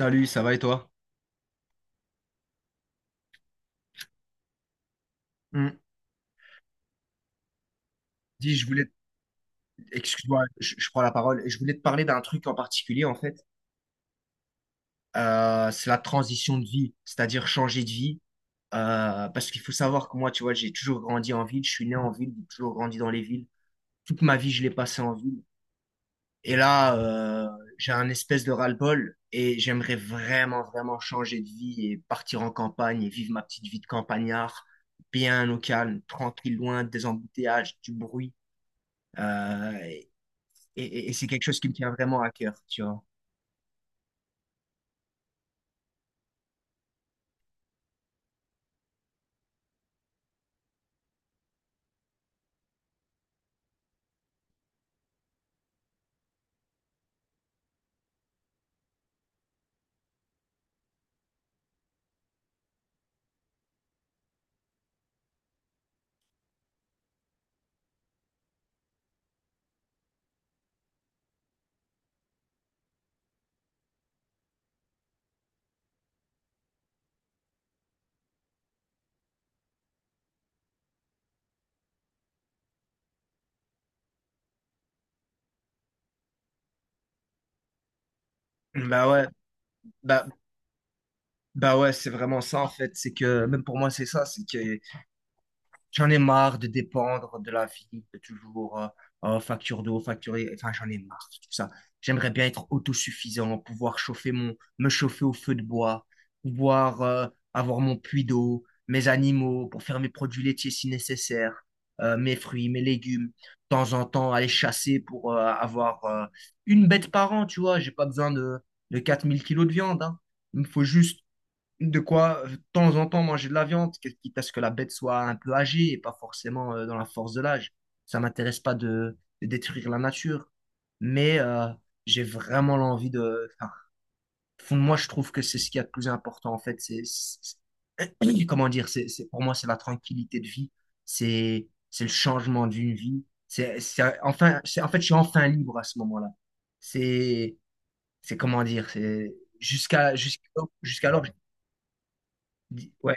Salut, ça va et toi? Hmm. Dis, je voulais, excuse-moi, je prends la parole. Je voulais te parler d'un truc en particulier, en fait. C'est la transition de vie, c'est-à-dire changer de vie. Parce qu'il faut savoir que moi, tu vois, j'ai toujours grandi en ville. Je suis né en ville, j'ai toujours grandi dans les villes. Toute ma vie, je l'ai passé en ville. Et là, j'ai un espèce de ras-le-bol et j'aimerais vraiment, vraiment changer de vie et partir en campagne et vivre ma petite vie de campagnard, bien au calme, tranquille, loin des embouteillages, du bruit. Euh, et c'est quelque chose qui me tient vraiment à cœur, tu vois. Bah ouais, bah, bah ouais, c'est vraiment ça en fait. C'est que même pour moi, c'est ça. C'est que j'en ai marre de dépendre de la vie, de toujours, facture d'eau, facturer, enfin j'en ai marre de tout ça. J'aimerais bien être autosuffisant, pouvoir me chauffer au feu de bois, pouvoir avoir mon puits d'eau, mes animaux, pour faire mes produits laitiers si nécessaire, mes fruits, mes légumes. De temps en temps, aller chasser pour avoir une bête par an, tu vois. J'ai pas besoin de 4000 kilos de viande, hein. Il me faut juste de quoi, de temps en temps, manger de la viande, quest quitte à ce que la bête soit un peu âgée et pas forcément dans la force de l'âge. Ça m'intéresse pas de détruire la nature, mais j'ai vraiment l'envie de... Enfin, au fond de moi, je trouve que c'est ce qui est le plus important, en fait. Comment dire, pour moi, c'est la tranquillité de vie, c'est le changement d'une vie. En fait, je suis enfin libre à ce moment-là. C'est, c'est comment dire, c'est jusqu'à, jusqu'à, jusqu'alors, je dis- ouais.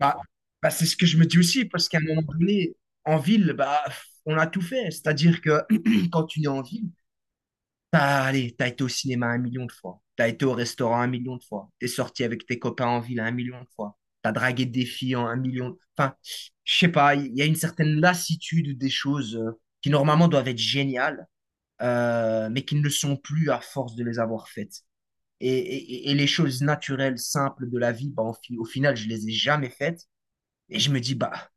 Bah, bah, c'est ce que je me dis aussi, parce qu'à un moment donné, en ville, bah, on a tout fait. C'est-à-dire que quand tu es en ville, t'as, allez, t'as été au cinéma un million de fois, t'as été au restaurant un million de fois, t'es sorti avec tes copains en ville un million de fois, t'as dragué des filles en un million. Enfin, je sais pas, il y a une certaine lassitude des choses qui normalement doivent être géniales, mais qui ne le sont plus à force de les avoir faites. Et les choses naturelles, simples de la vie, bah, au final, je les ai jamais faites. Et je me dis, bah,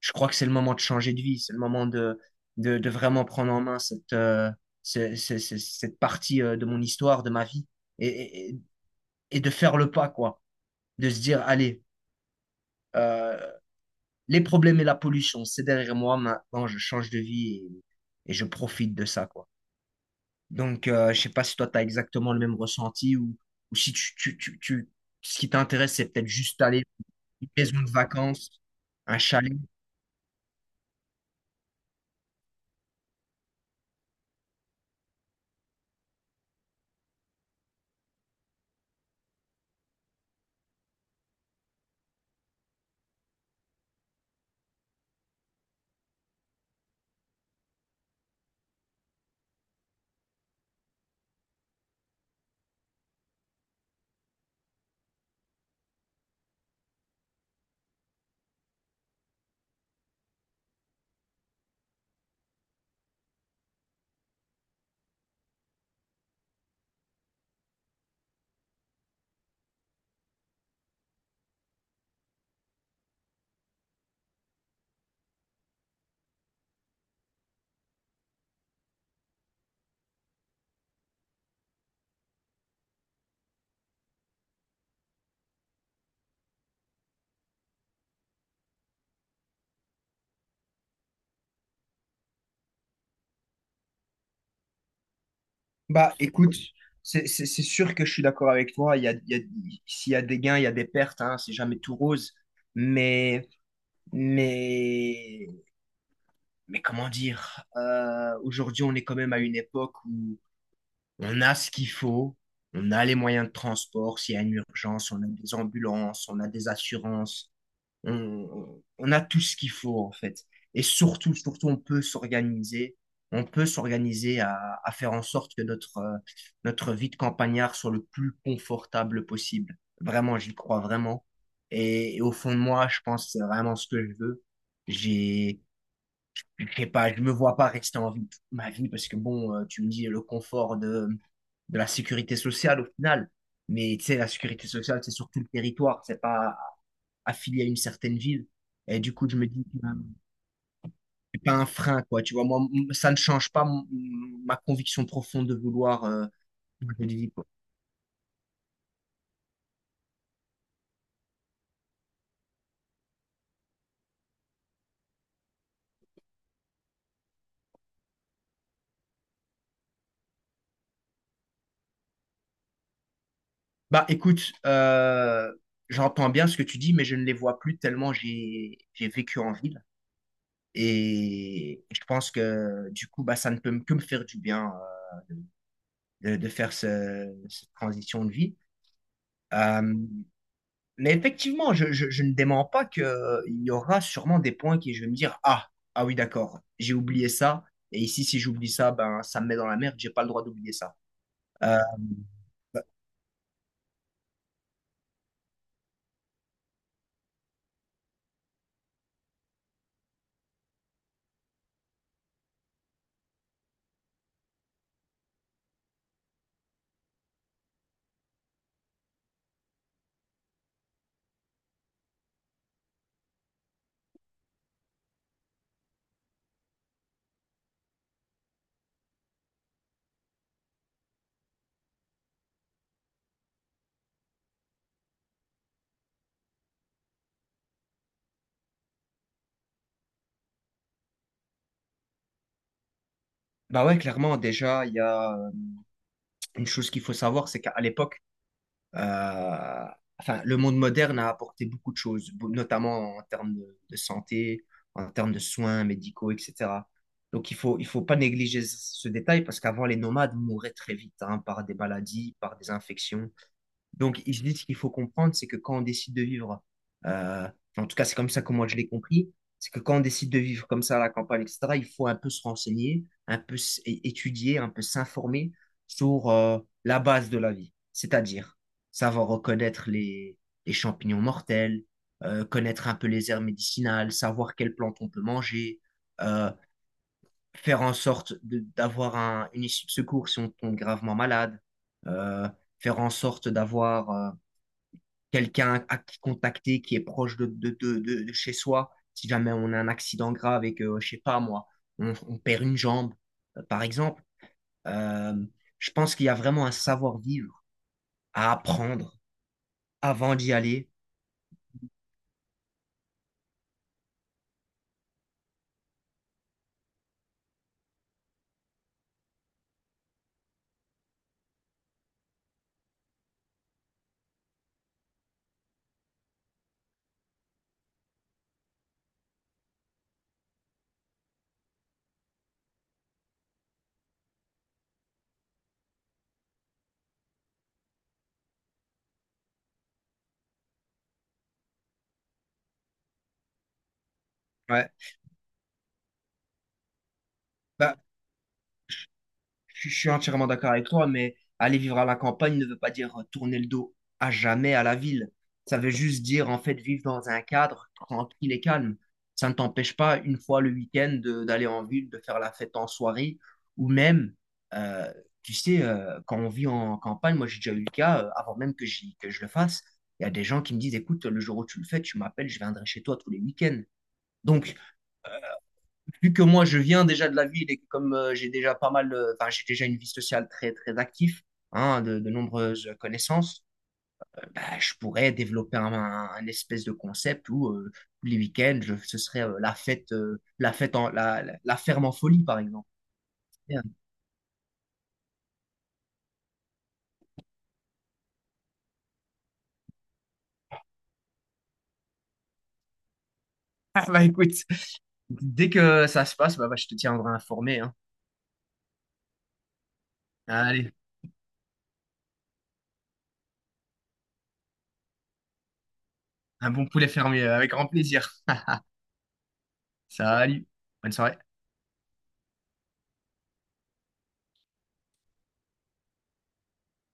je crois que c'est le moment de changer de vie, c'est le moment de vraiment prendre en main cette, ce- ce- ce- cette partie de mon histoire, de ma vie, et, et- et- de faire le pas, quoi. De se dire, allez, euh, les problèmes et la pollution, c'est derrière moi, maintenant je change de vie et je profite de ça, quoi. Donc, je sais pas si toi, tu as exactement le même ressenti ou si ce qui t'intéresse, c'est peut-être juste aller dans une maison de vacances, un chalet. Bah, écoute, c'est sûr que je suis d'accord avec toi. S'il y a des gains, il y a des pertes, hein, c'est jamais tout rose. Mais, mais, mais comment dire, aujourd'hui, on est quand même à une époque où on a ce qu'il faut, on a les moyens de transport, s'il y a une urgence, on a des ambulances, on a des assurances on a tout ce qu'il faut en fait. Et surtout, surtout, on peut s'organiser. On peut s'organiser à faire en sorte que notre vie de campagnard soit le plus confortable possible. Vraiment, j'y crois vraiment. Et au fond de moi, je pense que c'est vraiment ce que je veux. J'ai, je sais pas, je me vois pas rester en vie toute ma vie parce que bon, tu me dis le confort de la sécurité sociale au final. Mais tu sais, la sécurité sociale, c'est sur tout le territoire. C'est pas affilié à une certaine ville. Et du coup, je me dis, ben, c'est pas un frein, quoi. Tu vois, moi, ça ne change pas ma conviction profonde de vouloir changer de vie, quoi. Bah, écoute, j'entends bien ce que tu dis, mais je ne les vois plus tellement j'ai vécu en ville. Et je pense que du coup, bah, ça ne peut que me faire du bien de faire cette transition de vie. Euh, Mais effectivement, je ne dément pas qu'il y aura sûrement des points qui je vais me dire, ah, ah oui, d'accord, j'ai oublié ça. Et ici, si j'oublie ça, ben, ça me met dans la merde, j'ai pas le droit d'oublier ça. Euh, Bah ouais, clairement, déjà, il y a une chose qu'il faut savoir, c'est qu'à l'époque, euh, enfin, le monde moderne a apporté beaucoup de choses, notamment en termes de santé, en termes de soins médicaux, etc. Donc, il faut pas négliger ce détail parce qu'avant, les nomades mouraient très vite, hein, par des maladies, par des infections. Donc, je dis ce qu'il faut comprendre, c'est que quand on décide de vivre, euh, en tout cas, c'est comme ça que moi je l'ai compris, c'est que quand on décide de vivre comme ça à la campagne, etc., il faut un peu se renseigner, un peu étudier, un peu s'informer sur la base de la vie, c'est-à-dire savoir reconnaître les champignons mortels, connaître un peu les herbes médicinales, savoir quelles plantes on peut manger, euh, faire en sorte d'avoir une issue de secours si on tombe gravement malade, euh, faire en sorte d'avoir... quelqu'un à qui contacter qui est proche de chez soi. Si jamais on a un accident grave et que, je sais pas moi, on perd une jambe, par exemple, euh, je pense qu'il y a vraiment un savoir-vivre à apprendre avant d'y aller. Ouais. Bah, je je suis entièrement d'accord avec toi, mais aller vivre à la campagne ne veut pas dire tourner le dos à jamais à la ville. Ça veut juste dire, en fait, vivre dans un cadre tranquille et calme. Ça ne t'empêche pas, une fois le week-end, d'aller en ville, de faire la fête en soirée, ou même, euh, tu sais, quand on vit en campagne, moi j'ai déjà eu le cas, avant même que, que je le fasse, il y a des gens qui me disent, écoute, le jour où tu le fais, tu m'appelles, je viendrai chez toi tous les week-ends. Donc, vu que moi je viens déjà de la ville et que comme j'ai déjà pas mal, enfin j'ai déjà une vie sociale très très active, hein, de nombreuses connaissances, bah, je pourrais développer un espèce de concept où tous les week-ends ce serait la fête en la ferme en folie par exemple. Bien. Ah, bah écoute, dès que ça se passe, bah, je te tiendrai informé, hein. Allez, un bon poulet fermier avec grand plaisir. Salut, bonne soirée.